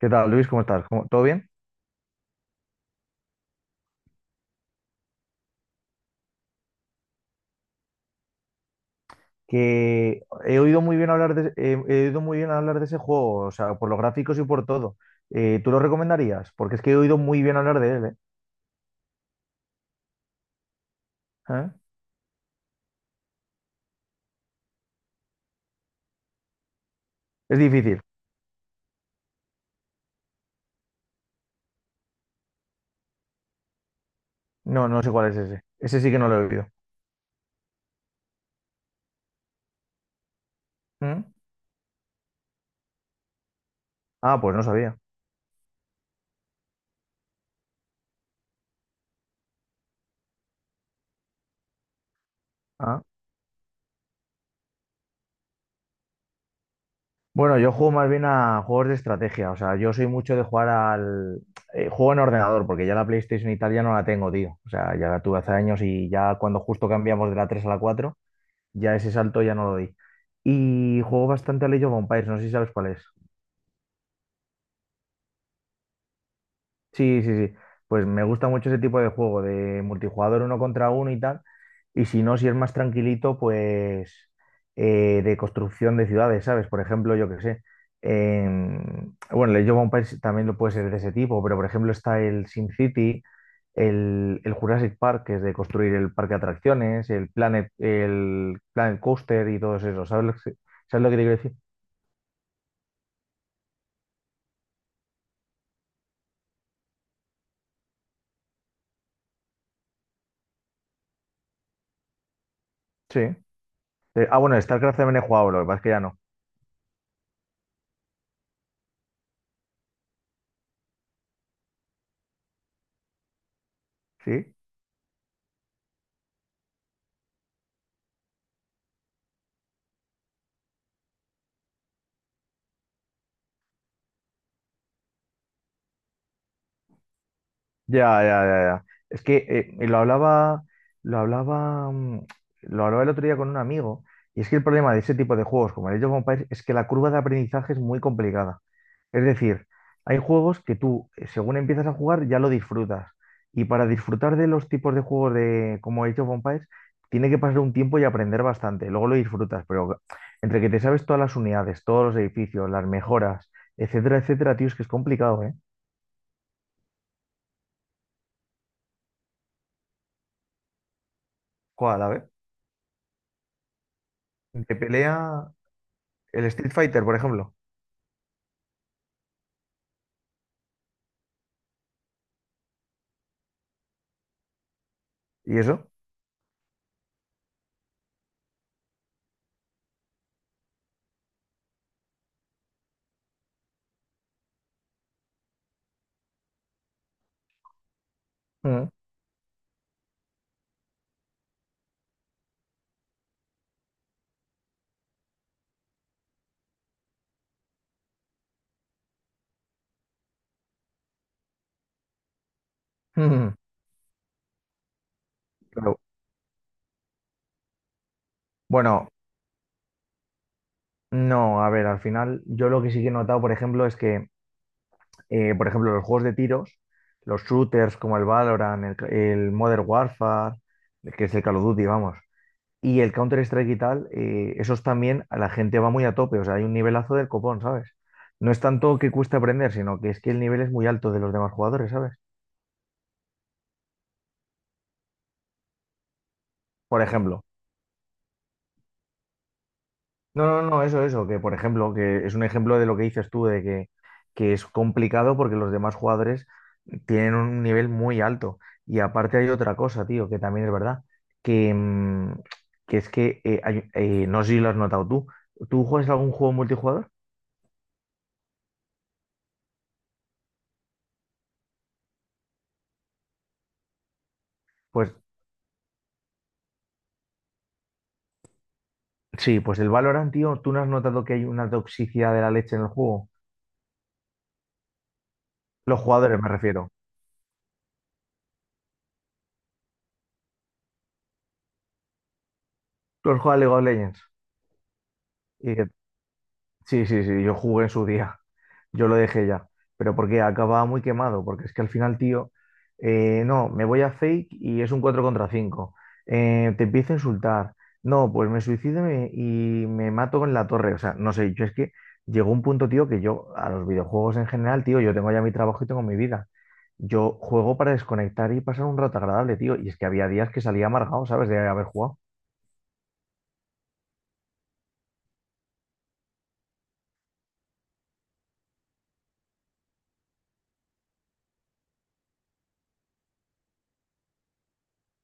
¿Qué tal, Luis? ¿Cómo estás? ¿Cómo- ¿Todo bien? Que he oído muy bien hablar de, he oído muy bien hablar de ese juego, o sea, por los gráficos y por todo. ¿Tú lo recomendarías? Porque es que he oído muy bien hablar de él, ¿eh? ¿Eh? Es difícil. No, no sé cuál es ese. Ese sí que no lo he oído. ¿Mm? Ah, pues no sabía. Ah. Bueno, yo juego más bien a juegos de estrategia, o sea, yo soy mucho de jugar al… juego en ordenador, porque ya la PlayStation y tal ya no la tengo, tío. O sea, ya la tuve hace años y ya cuando justo cambiamos de la 3 a la cuatro, ya ese salto ya no lo di. Y juego bastante al Age of Empires, no sé si sabes cuál es. Sí, sí, sí. Pues me gusta mucho ese tipo de juego, de multijugador uno contra uno y tal. Y si no, si es más tranquilito, pues de construcción de ciudades, ¿sabes? Por ejemplo, yo qué sé. Bueno, el Age of Empires también lo puede ser de ese tipo, pero por ejemplo está el SimCity, el Jurassic Park, que es de construir el parque de atracciones, el el Planet Coaster y todos esos. ¿Sabes lo sabes lo que te quiero decir? Sí. Bueno, StarCraft también he jugado, lo que pasa es que ya no. ¿Sí? Ya, ya, ya, ya. Es que y lo hablaba, lo hablaba, mm, lo hablaba el otro día con un amigo, y es que el problema de ese tipo de juegos, como el Age of Empires, es que la curva de aprendizaje es muy complicada. Es decir, hay juegos que tú, según empiezas a jugar, ya lo disfrutas. Y para disfrutar de los tipos de juegos de como Age of Empires, tiene que pasar un tiempo y aprender bastante. Luego lo disfrutas, pero entre que te sabes todas las unidades, todos los edificios, las mejoras, etcétera, etcétera, tío, es que es complicado, ¿eh? Cuál, a ver, vez. De pelea. El Street Fighter, por ejemplo. ¿Y eso? Mm, mm. Claro. Bueno, no, a ver, al final yo lo que sí que he notado, por ejemplo, es que, por ejemplo, los juegos de tiros, los shooters como el Valorant, el Modern Warfare, que es el Call of Duty, vamos, y el Counter-Strike y tal, esos también a la gente va muy a tope, o sea, hay un nivelazo del copón, ¿sabes? No es tanto que cueste aprender, sino que es que el nivel es muy alto de los demás jugadores, ¿sabes? Por ejemplo. No, no, no, eso, que por ejemplo, que es un ejemplo de lo que dices tú, que es complicado porque los demás jugadores tienen un nivel muy alto. Y aparte hay otra cosa, tío, que también es verdad, que, mm, que es que, no sé si lo has notado tú, ¿tú juegas algún juego multijugador? Pues sí, pues el Valorant, tío, ¿tú no has notado que hay una toxicidad de la leche en el juego? Los jugadores, me refiero. Los juega League of Legends. Sí, sí, sí, yo jugué en su día, yo lo dejé ya, pero porque acababa muy quemado, porque es que al final, tío, no, me voy a Fake y es un 4 contra 5. Te empiezo a insultar, no, pues me suicido y y me mato con la torre, o sea, no sé, yo es que llegó un punto, tío, que yo a los videojuegos en general, tío, yo tengo ya mi trabajo y tengo mi vida, yo juego para desconectar y pasar un rato agradable, tío, y es que había días que salía amargado, ¿sabes? De haber jugado.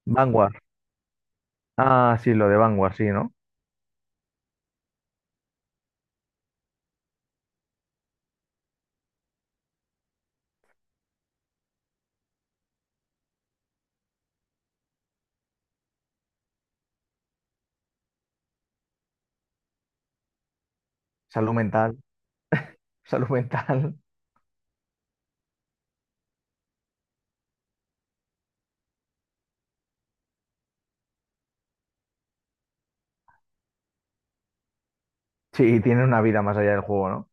Vanguard, ah, sí, lo de Vanguard, sí, ¿no? Salud mental. Salud mental. Sí, tiene una vida más allá del juego, ¿no?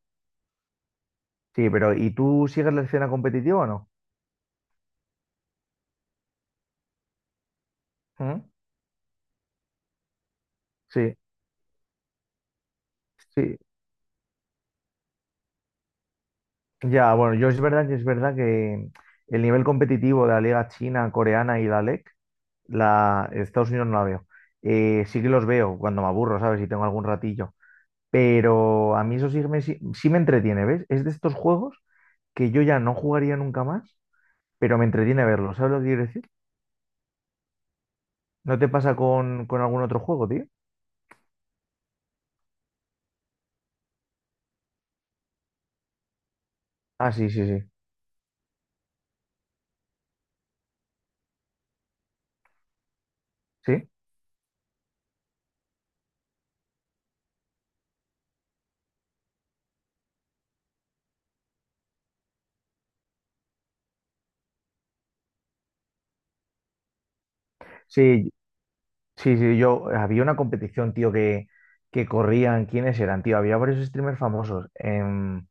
Sí, pero ¿y tú sigues la escena competitiva o no? Ujú. Sí, sí. Ya, bueno, yo es verdad que el nivel competitivo de la liga china, coreana y la LEC, la Estados Unidos no la veo. Sí que los veo cuando me aburro, ¿sabes? Si tengo algún ratillo. Pero a mí eso sí, sí me entretiene, ¿ves? Es de estos juegos que yo ya no jugaría nunca más, pero me entretiene verlo. ¿Sabes lo que quiero decir? ¿No te pasa con algún otro juego, tío? Ah, sí, sí, sí. ¿Sí? Sí, sí, sí, yo había una competición, tío, que corrían, ¿quiénes eran, tío? Había varios streamers famosos.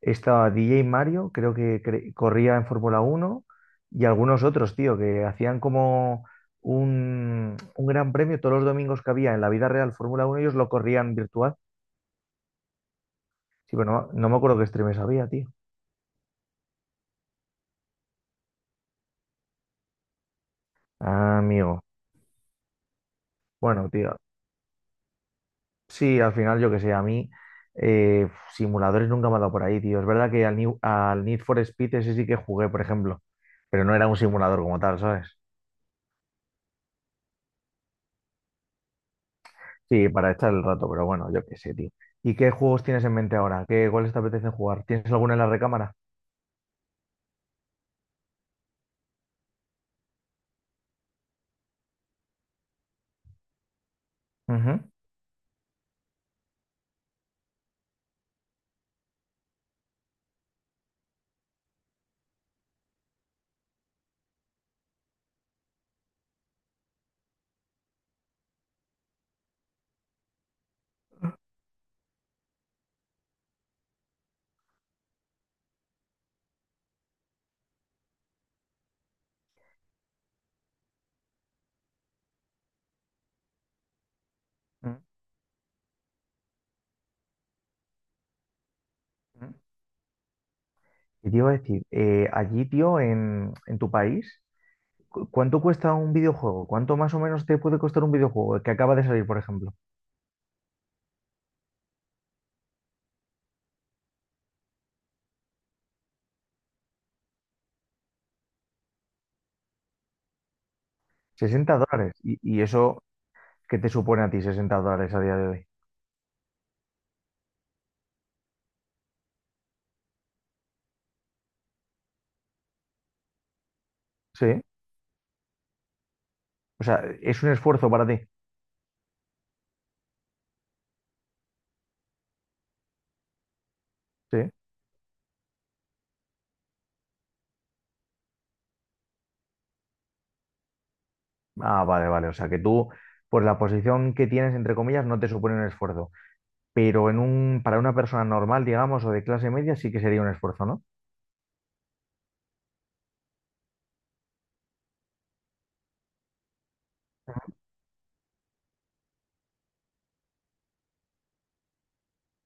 Estaba DJ Mario, creo que corría en Fórmula Uno y algunos otros, tío, que hacían como un gran premio todos los domingos que había en la vida real Fórmula 1, ellos lo corrían virtual. Sí, pero no, no me acuerdo qué streamers había, tío. Ah, amigo. Bueno, tío. Sí, al final, yo que sé, a mí eh, simuladores nunca me ha dado por ahí, tío. Es verdad que al Need for Speed ese sí que jugué, por ejemplo, pero no era un simulador como tal, ¿sabes? Sí, para echar el rato, pero bueno, yo qué sé, tío. ¿Y qué juegos tienes en mente ahora? ¿Qué, cuáles te apetecen jugar? ¿Tienes alguna en la recámara? Ujú. Mm, mm. Y te iba a decir, allí, tío, en tu país, ¿cuánto cuesta un videojuego? ¿Cuánto más o menos te puede costar un videojuego que acaba de salir, por ejemplo? 60 dólares. Y eso qué te supone a ti, 60 dólares a día de hoy? Sí, o sea, es un esfuerzo para ti. Sí. Ah, vale, vale. O sea, pues la posición que tienes, entre comillas, no te supone un esfuerzo. Pero en un, para una persona normal, digamos, o de clase media, sí que sería un esfuerzo, ¿no?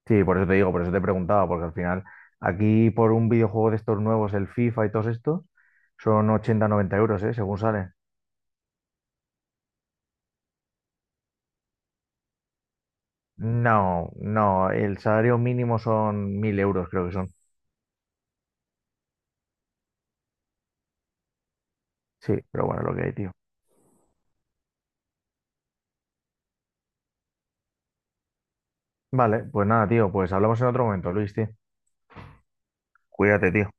Sí, por eso te digo, por eso te preguntaba, porque al final, aquí por un videojuego de estos nuevos, el FIFA y todos estos, son ochenta, noventa euros, ¿eh? Según sale. No, no, el salario mínimo son 1000 euros, creo que son. Sí, pero bueno, lo que hay, tío. Vale, pues nada, tío, pues hablamos en otro momento, Luis, tío. Cuídate, tío.